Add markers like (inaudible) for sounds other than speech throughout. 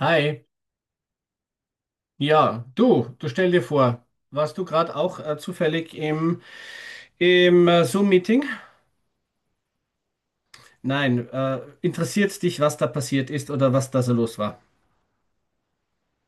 Hi, ja, du stell dir vor, warst du gerade auch zufällig im Zoom-Meeting? Nein, interessiert dich, was da passiert ist oder was da so los war?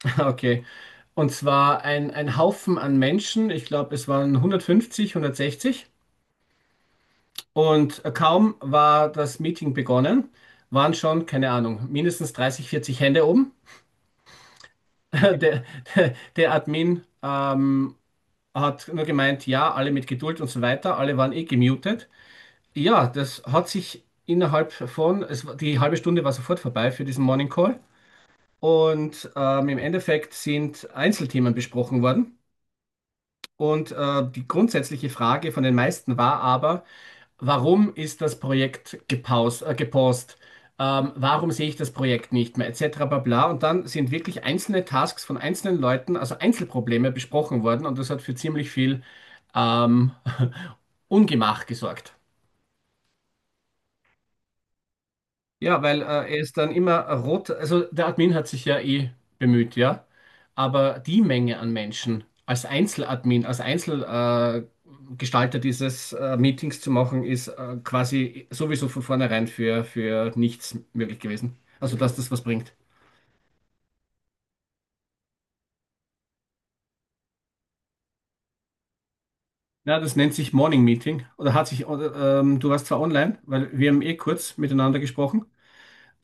(laughs) Okay, und zwar ein Haufen an Menschen, ich glaube, es waren 150, 160, und kaum war das Meeting begonnen, waren schon, keine Ahnung, mindestens 30, 40 Hände oben. (laughs) Der, der Admin hat nur gemeint, ja, alle mit Geduld und so weiter, alle waren eh gemutet. Ja, das hat sich innerhalb von, es, war- die halbe Stunde war sofort vorbei für diesen Morning Call. Und im Endeffekt sind Einzelthemen besprochen worden. Und die grundsätzliche Frage von den meisten war aber: Warum ist das Projekt gepaust? Warum sehe ich das Projekt nicht mehr, etc. bla bla. Und dann sind wirklich einzelne Tasks von einzelnen Leuten, also Einzelprobleme besprochen worden. Und das hat für ziemlich viel ähm, (laughs) Ungemach gesorgt. Ja, weil er ist dann immer rot. Also der Admin hat sich ja eh bemüht, ja. Aber die Menge an Menschen als Einzeladmin, als Einzelgestalter Gestalter dieses Meetings zu machen, ist quasi sowieso von vornherein für nichts möglich gewesen. Also, dass das was bringt. Ja, das nennt sich Morning Meeting. Oder hat sich, oder, Du warst zwar online, weil wir haben eh kurz miteinander gesprochen,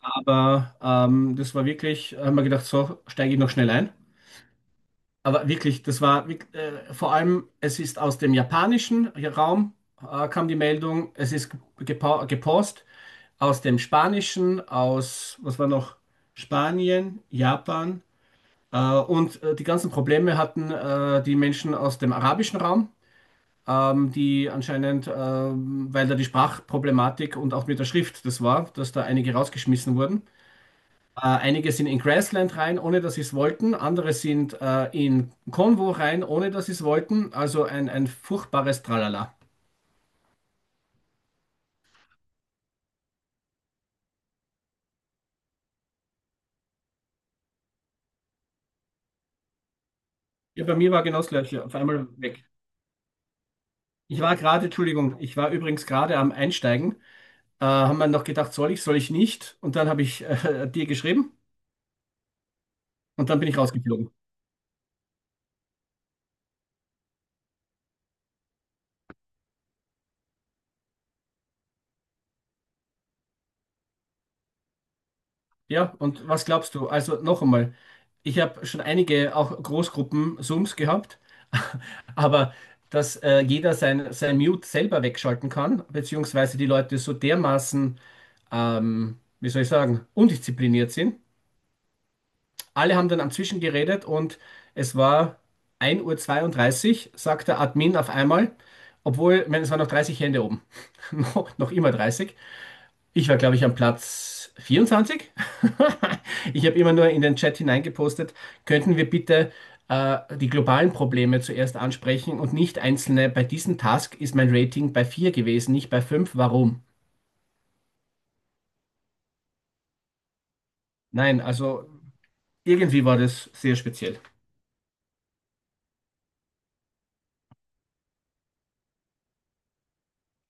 aber das war wirklich, haben wir gedacht, so steige ich noch schnell ein. Aber wirklich, vor allem, es ist aus dem japanischen Raum kam die Meldung, es ist gepost aus dem spanischen, was war noch, Spanien, Japan und die ganzen Probleme hatten die Menschen aus dem arabischen Raum, die anscheinend, weil da die Sprachproblematik und auch mit der Schrift das war, dass da einige rausgeschmissen wurden. Einige sind in Grassland rein, ohne dass sie es wollten. Andere sind in Konvo rein, ohne dass sie es wollten. Also ein furchtbares Tralala. Ja, bei mir war genau das Gleiche. Auf einmal weg. Ich war gerade, Entschuldigung, ich war übrigens gerade am Einsteigen. Haben wir noch gedacht, soll ich nicht? Und dann habe ich (laughs) dir geschrieben, und dann bin ich rausgeflogen. Ja, und was glaubst du? Also noch einmal, ich habe schon einige auch Großgruppen-Zooms gehabt, (laughs) aber dass jeder sein Mute selber wegschalten kann, beziehungsweise die Leute so dermaßen, wie soll ich sagen, undiszipliniert sind. Alle haben dann am Zwischen geredet, und es war ein Uhr zweiunddreißig, sagt der Admin auf einmal, obwohl, ich meine, es waren noch 30 Hände oben, (laughs) noch immer 30. Ich war, glaube ich, am Platz 24. (laughs) Ich habe immer nur in den Chat hineingepostet: Könnten wir bitte die globalen Probleme zuerst ansprechen und nicht einzelne? Bei diesem Task ist mein Rating bei 4 gewesen, nicht bei 5. Warum? Nein, also irgendwie war das sehr speziell.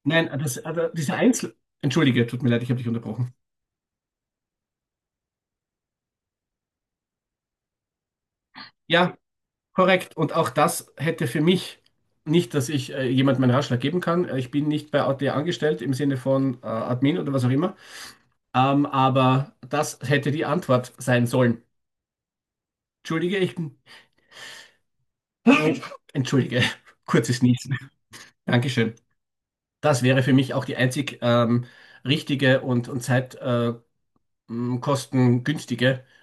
Nein, das, also diese Einzel... Entschuldige, tut mir leid, ich habe dich unterbrochen. Ja, korrekt. Und auch das hätte für mich nicht, dass ich jemandem einen Ratschlag geben kann. Ich bin nicht bei AT angestellt im Sinne von Admin oder was auch immer. Aber das hätte die Antwort sein sollen. Entschuldige, ich bin. (laughs) Entschuldige, kurzes Niesen. Dankeschön. Das wäre für mich auch die einzig richtige und zeitkostengünstige äh,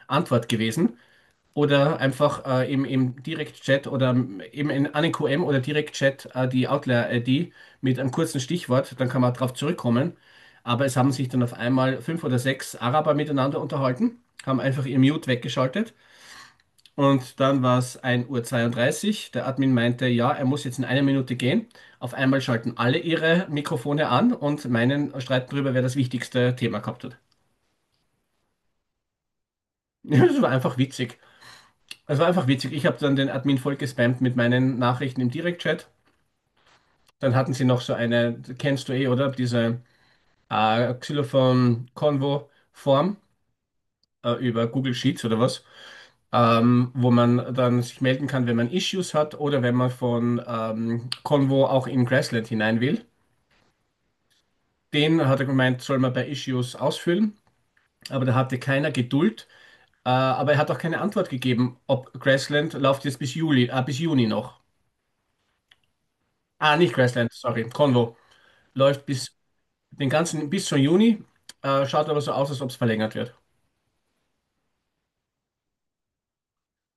Antwort gewesen. Oder einfach im Direktchat oder eben an den QM oder Direktchat die Outlier-ID mit einem kurzen Stichwort, dann kann man darauf zurückkommen. Aber es haben sich dann auf einmal fünf oder sechs Araber miteinander unterhalten, haben einfach ihr Mute weggeschaltet. Und dann war es ein Uhr zweiunddreißig. Der Admin meinte, ja, er muss jetzt in einer Minute gehen. Auf einmal schalten alle ihre Mikrofone an und meinen, streiten darüber, wer das wichtigste Thema gehabt hat. (laughs) Das war einfach witzig. Es war einfach witzig. Ich habe dann den Admin voll gespammt mit meinen Nachrichten im Direktchat. Dann hatten sie noch so eine, kennst du eh, oder? Diese Xylophon-Konvo-Form über Google Sheets oder was. Wo man dann sich melden kann, wenn man Issues hat oder wenn man von Convo auch in Grassland hinein will. Den hat er gemeint, soll man bei Issues ausfüllen, aber da hatte keiner Geduld. Aber er hat auch keine Antwort gegeben, ob Grassland läuft jetzt bis Juli, bis Juni noch. Ah, nicht Grassland, sorry, Convo. Läuft bis den ganzen, bis zum Juni, schaut aber so aus, als ob es verlängert wird.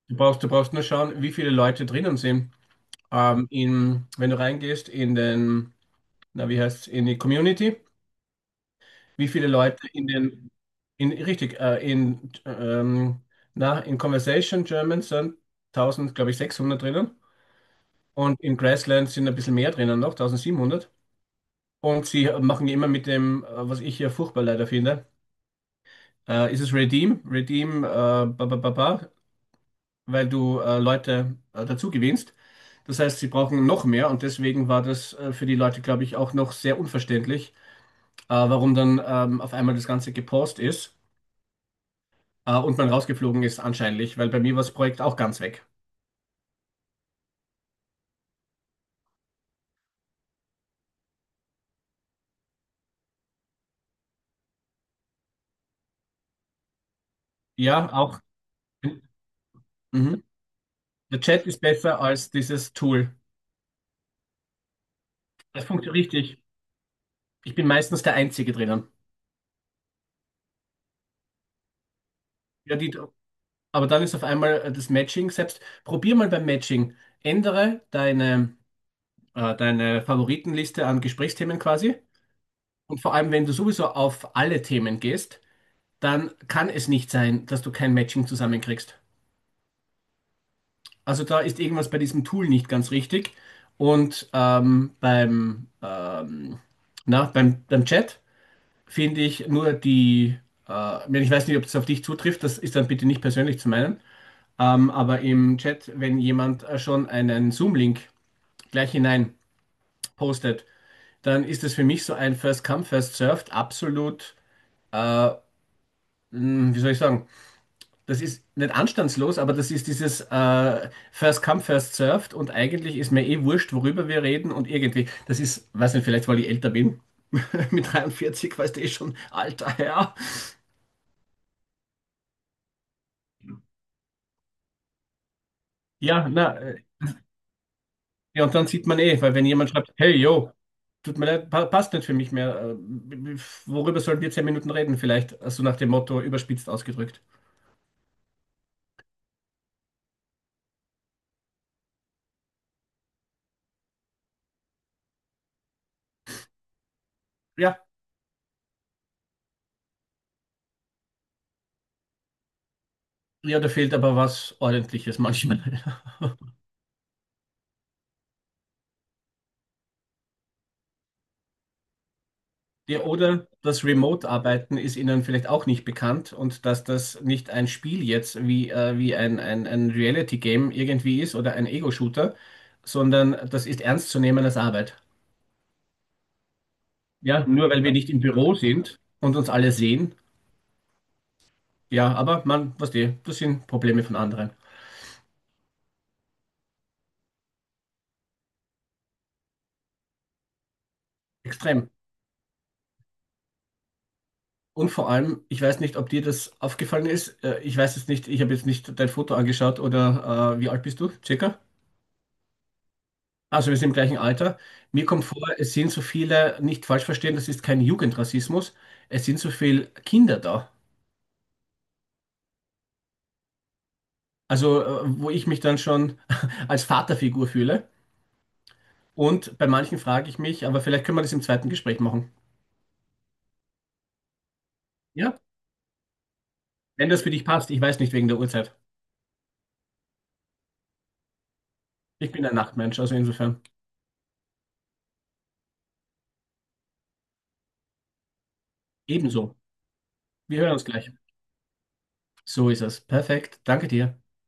Du brauchst nur schauen, wie viele Leute drinnen sind. Wenn du reingehst in den, na, wie heißt in die Community, wie viele Leute in den, richtig, na, in Conversation German sind Tausend, glaube ich, 600 drinnen, und in Grassland sind ein bisschen mehr drinnen noch, 1700. Und sie machen immer mit dem, was ich hier furchtbar leider finde, ist es Redeem, Redeem, ba, ba, ba, ba, weil du Leute dazu gewinnst. Das heißt, sie brauchen noch mehr, und deswegen war das für die Leute, glaube ich, auch noch sehr unverständlich, warum dann auf einmal das Ganze gepaust ist. Und man rausgeflogen ist anscheinend, weil bei mir war das Projekt auch ganz weg. Ja, auch. Mhm. Der Chat ist besser als dieses Tool. Das funktioniert richtig. Ich bin meistens der Einzige drinnen. Ja, aber dann ist auf einmal das Matching selbst. Probier mal beim Matching. Ändere deine Favoritenliste an Gesprächsthemen quasi. Und vor allem, wenn du sowieso auf alle Themen gehst, dann kann es nicht sein, dass du kein Matching zusammenkriegst. Also da ist irgendwas bei diesem Tool nicht ganz richtig. Und beim, na, beim Chat finde ich nur die, wenn ich weiß nicht, ob das auf dich zutrifft, das ist dann bitte nicht persönlich zu meinen, aber im Chat, wenn jemand schon einen Zoom-Link gleich hinein postet, dann ist das für mich so ein First Come, First Served, absolut, äh, wie soll ich sagen? Das ist nicht anstandslos, aber das ist dieses First Come, First Served, und eigentlich ist mir eh wurscht, worüber wir reden, und irgendwie, das ist, weiß nicht, vielleicht weil ich älter bin, (laughs) mit 43, weißt du eh schon, alter Herr. Ja, na, ja, und dann sieht man eh, weil wenn jemand schreibt: Hey, yo, tut mir leid, pa passt nicht für mich mehr, worüber sollen wir 10 Minuten reden vielleicht, so, also nach dem Motto, überspitzt ausgedrückt. Ja, ja, da fehlt aber was Ordentliches manchmal. (laughs) Ja, oder das Remote-Arbeiten ist Ihnen vielleicht auch nicht bekannt, und dass das nicht ein Spiel jetzt wie, ein Reality-Game irgendwie ist oder ein Ego-Shooter, sondern das ist ernst zu nehmen als Arbeit. Ja, nur weil wir nicht im Büro sind und uns alle sehen. Ja, das sind Probleme von anderen. Extrem. Und vor allem, ich weiß nicht, ob dir das aufgefallen ist. Ich weiß es nicht, ich habe jetzt nicht dein Foto angeschaut, oder wie alt bist du? Circa? Also wir sind im gleichen Alter. Mir kommt vor, es sind so viele, nicht falsch verstehen, das ist kein Jugendrassismus, es sind so viele Kinder da. Also, wo ich mich dann schon (laughs) als Vaterfigur fühle. Und bei manchen frage ich mich, aber vielleicht können wir das im zweiten Gespräch machen. Ja? Wenn das für dich passt, ich weiß nicht wegen der Uhrzeit. Ich bin ein Nachtmensch, also insofern ebenso. Wir hören uns gleich. So ist es. Perfekt. Danke dir. Tschüss.